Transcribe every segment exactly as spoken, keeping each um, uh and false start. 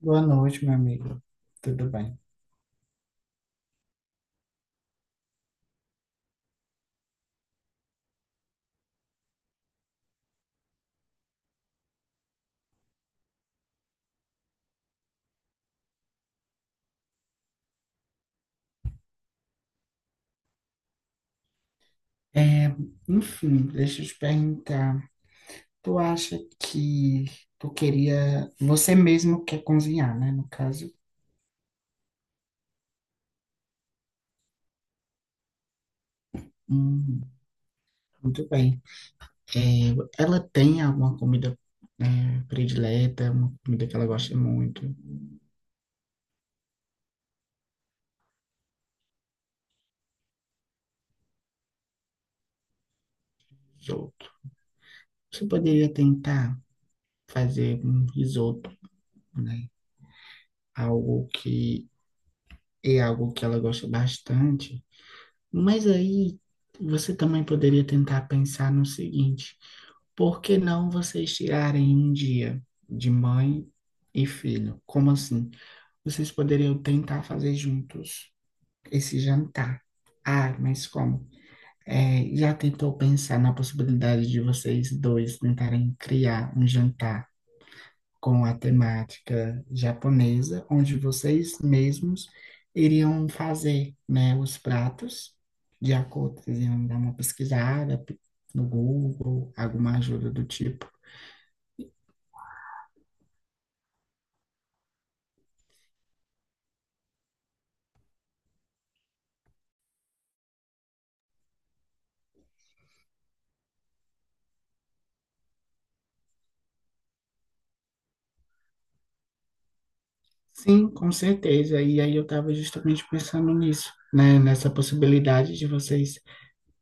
Boa noite, meu amigo. Tudo bem? É, Enfim, deixa eu te perguntar. Tu acha que tu queria. Você mesmo quer cozinhar, né? No caso. Hum, muito bem. É, Ela tem alguma comida, é, predileta, uma comida que ela gosta muito? Risoto. Você poderia tentar fazer um risoto, né? Algo que é algo que ela gosta bastante. Mas aí você também poderia tentar pensar no seguinte: por que não vocês tirarem um dia de mãe e filho? Como assim? Vocês poderiam tentar fazer juntos esse jantar. Ah, mas como? É, já tentou pensar na possibilidade de vocês dois tentarem criar um jantar com a temática japonesa, onde vocês mesmos iriam fazer, né, os pratos de acordo, vocês iam dar uma pesquisada no Google, alguma ajuda do tipo. Sim, com certeza. E aí eu estava justamente pensando nisso, né, nessa possibilidade de vocês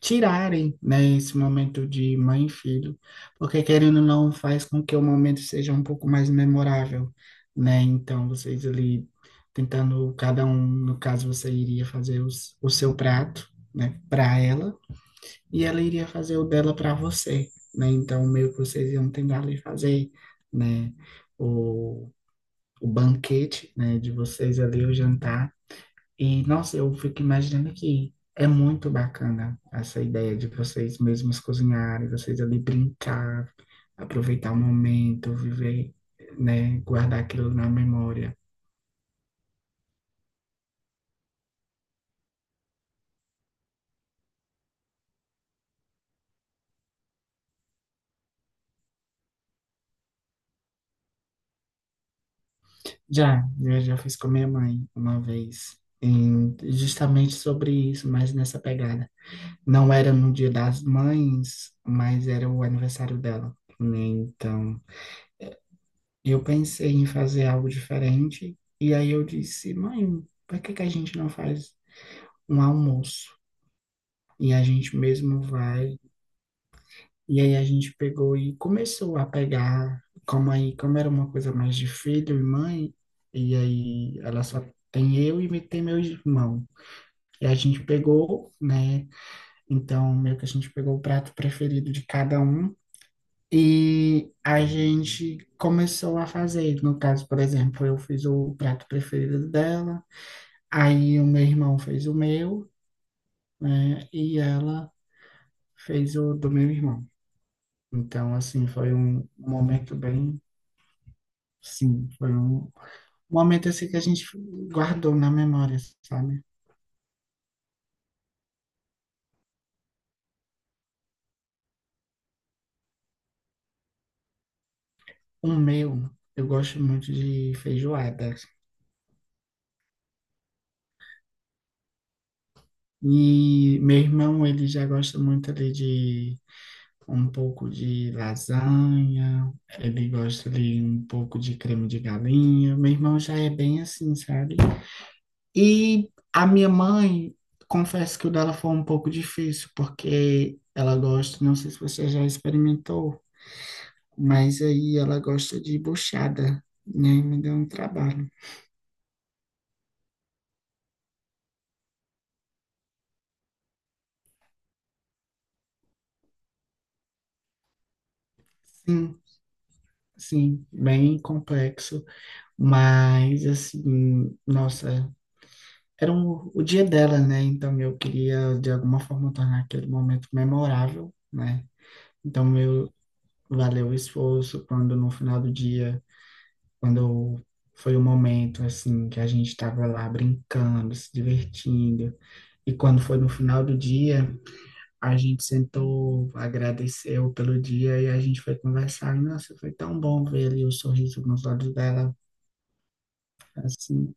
tirarem, né, esse momento de mãe e filho, porque querendo ou não faz com que o momento seja um pouco mais memorável, né? Então vocês ali tentando cada um, no caso você iria fazer os, o seu prato, né, para ela, e ela iria fazer o dela para você, né? Então meio que vocês iam tentar ali fazer, né, o o banquete, né, de vocês ali, o jantar, e nossa, eu fico imaginando que é muito bacana essa ideia de vocês mesmos cozinharem, vocês ali brincar, aproveitar o momento, viver, né, guardar aquilo na memória. Já, eu já fiz com minha mãe uma vez, em- justamente sobre isso, mas nessa pegada. Não era no Dia das Mães, mas era o aniversário dela, né? Então, eu pensei em fazer algo diferente, e aí eu disse, mãe, por que que a gente não faz um almoço? E a gente mesmo vai. E aí a gente pegou e começou a pegar, como aí, como era uma coisa mais de filho e mãe, e aí ela só tem eu e me- tem meu irmão. E a gente pegou, né? Então, meio que a gente pegou o prato preferido de cada um. E a gente começou a fazer. No caso, por exemplo, eu fiz o prato preferido dela, aí o meu irmão fez o meu, né? E ela fez o do meu irmão. Então, assim, foi um momento bem, sim, foi um momento assim que a gente guardou na memória, sabe? O meu, eu gosto muito de feijoada. E meu irmão, ele já gosta muito ali de um pouco de lasanha, ele gosta ali um pouco de creme de galinha. Meu irmão já é bem assim, sabe? E a minha mãe, confesso que o dela foi um pouco difícil, porque ela gosta, não sei se você já experimentou, mas aí ela gosta de buchada, né? Me deu um trabalho. Sim, sim, bem complexo, mas assim, nossa, era um- o dia dela, né? Então eu queria de alguma forma tornar aquele momento memorável, né? Então meu, valeu o esforço quando no final do dia, quando foi o momento assim que a gente estava lá brincando, se divertindo, e quando foi no final do dia, a gente sentou, agradeceu pelo dia e a gente foi conversar. E nossa, foi tão bom ver ali o sorriso nos olhos dela. Assim,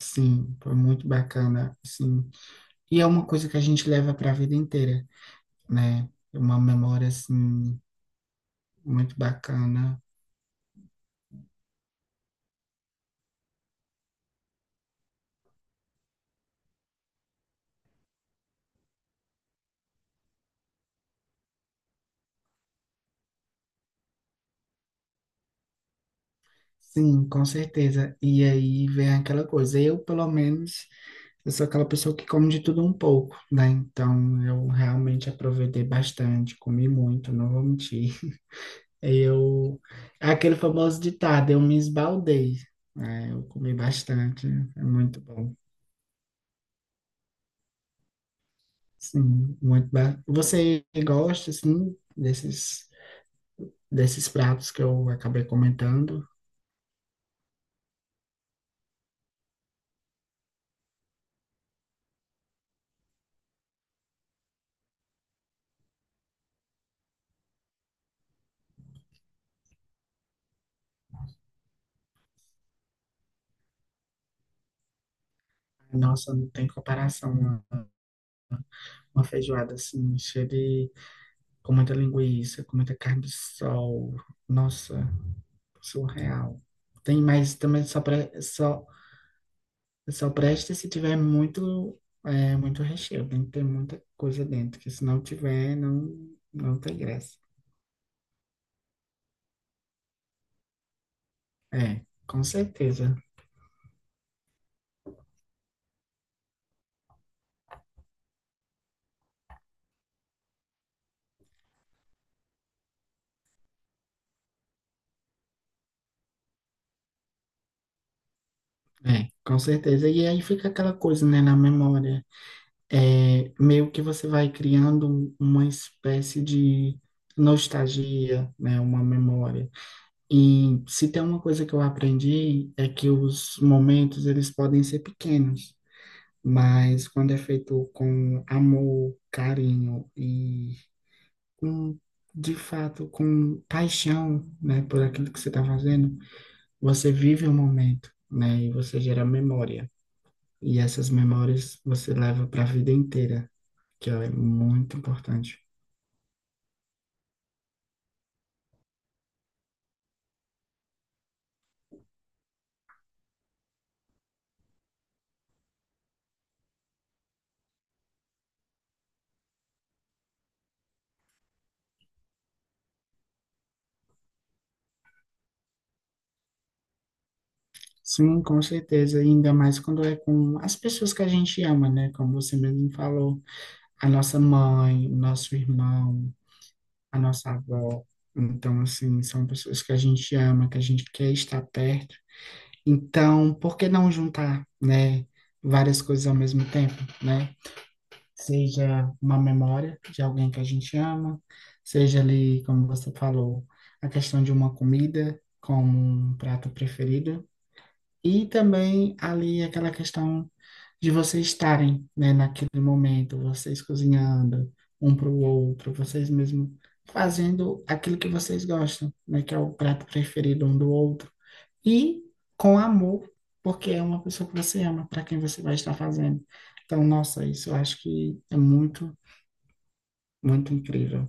sim, foi muito bacana, assim. E é uma coisa que a gente leva para a vida inteira, né? É uma memória assim muito bacana. Sim, com certeza. E aí vem aquela coisa. Eu, pelo menos, eu sou aquela pessoa que come de tudo um pouco, né? Então, eu realmente aproveitei bastante, comi muito, não vou mentir. Eu, é aquele famoso ditado, eu me esbaldei. É, eu comi bastante, é muito bom. Sim, muito bom. Você gosta, assim, desses, desses pratos que eu acabei comentando? Nossa, não tem comparação. Uma, uma feijoada, assim, cheia de, com muita linguiça, com muita carne de sol. Nossa, surreal. Tem mais também só, pra, só só presta se tiver muito, é, muito recheio. Tem que ter muita coisa dentro, que se não tiver, não, não tem graça. É, com certeza. É, com certeza. E aí fica aquela coisa, né, na memória. É, meio que você vai criando um, uma espécie de nostalgia, né, uma memória. E se tem uma coisa que eu aprendi é que os momentos, eles podem ser pequenos. Mas quando é feito com amor, carinho e com, de fato, com paixão, né, por aquilo que você está fazendo, você vive o momento, né, e você gera memória. E essas memórias você leva para a vida inteira, que é muito importante. Sim, com certeza, e ainda mais quando é com as pessoas que a gente ama, né? Como você mesmo falou, a nossa mãe, o nosso irmão, a nossa avó. Então, assim, são pessoas que a gente ama, que a gente quer estar perto. Então, por que não juntar, né, várias coisas ao mesmo tempo, né? Seja uma memória de alguém que a gente ama, seja ali, como você falou, a questão de uma comida como um prato preferido, e também ali aquela questão de vocês estarem, né, naquele momento, vocês cozinhando um para o outro, vocês mesmo fazendo aquilo que vocês gostam, né, que é o prato preferido um do outro, e com amor, porque é uma pessoa que você ama, para quem você vai estar fazendo. Então, nossa, isso eu acho que é muito, muito incrível.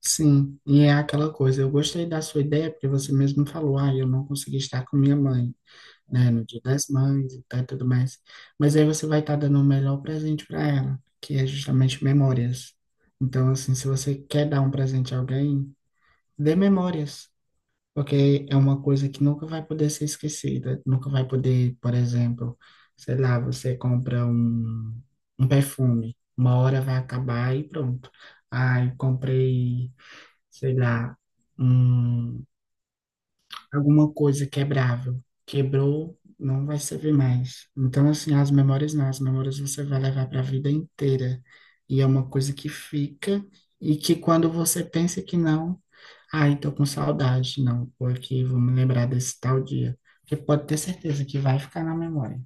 Sim, e é aquela coisa, eu gostei da sua ideia, porque você mesmo falou, ah, eu não consegui estar com minha mãe, né, no Dia das Mães e tal, e tudo mais. Mas aí você vai estar dando o melhor presente para ela, que é justamente memórias. Então, assim, se você quer dar um presente a alguém, dê memórias. Porque é uma coisa que nunca vai poder ser esquecida, nunca vai poder, por exemplo, sei lá, você compra um, um perfume, uma hora vai acabar e pronto. Ai, comprei, sei lá, um, alguma coisa quebrável. Quebrou, não vai servir mais. Então, assim, as memórias não, as memórias você vai levar para a vida inteira. E é uma coisa que fica, e que quando você pensa que não. Ai, tô com saudade, não, porque vou me lembrar desse tal dia. Porque pode ter certeza que vai ficar na memória.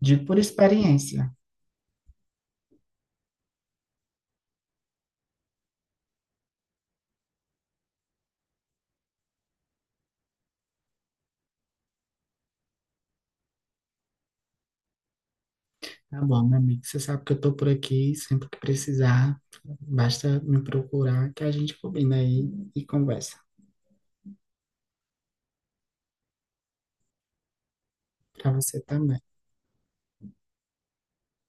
Digo por experiência. Tá bom, meu amigo, você sabe que eu tô por aqui, sempre que precisar, basta me procurar que a gente combina aí e conversa. Pra você também.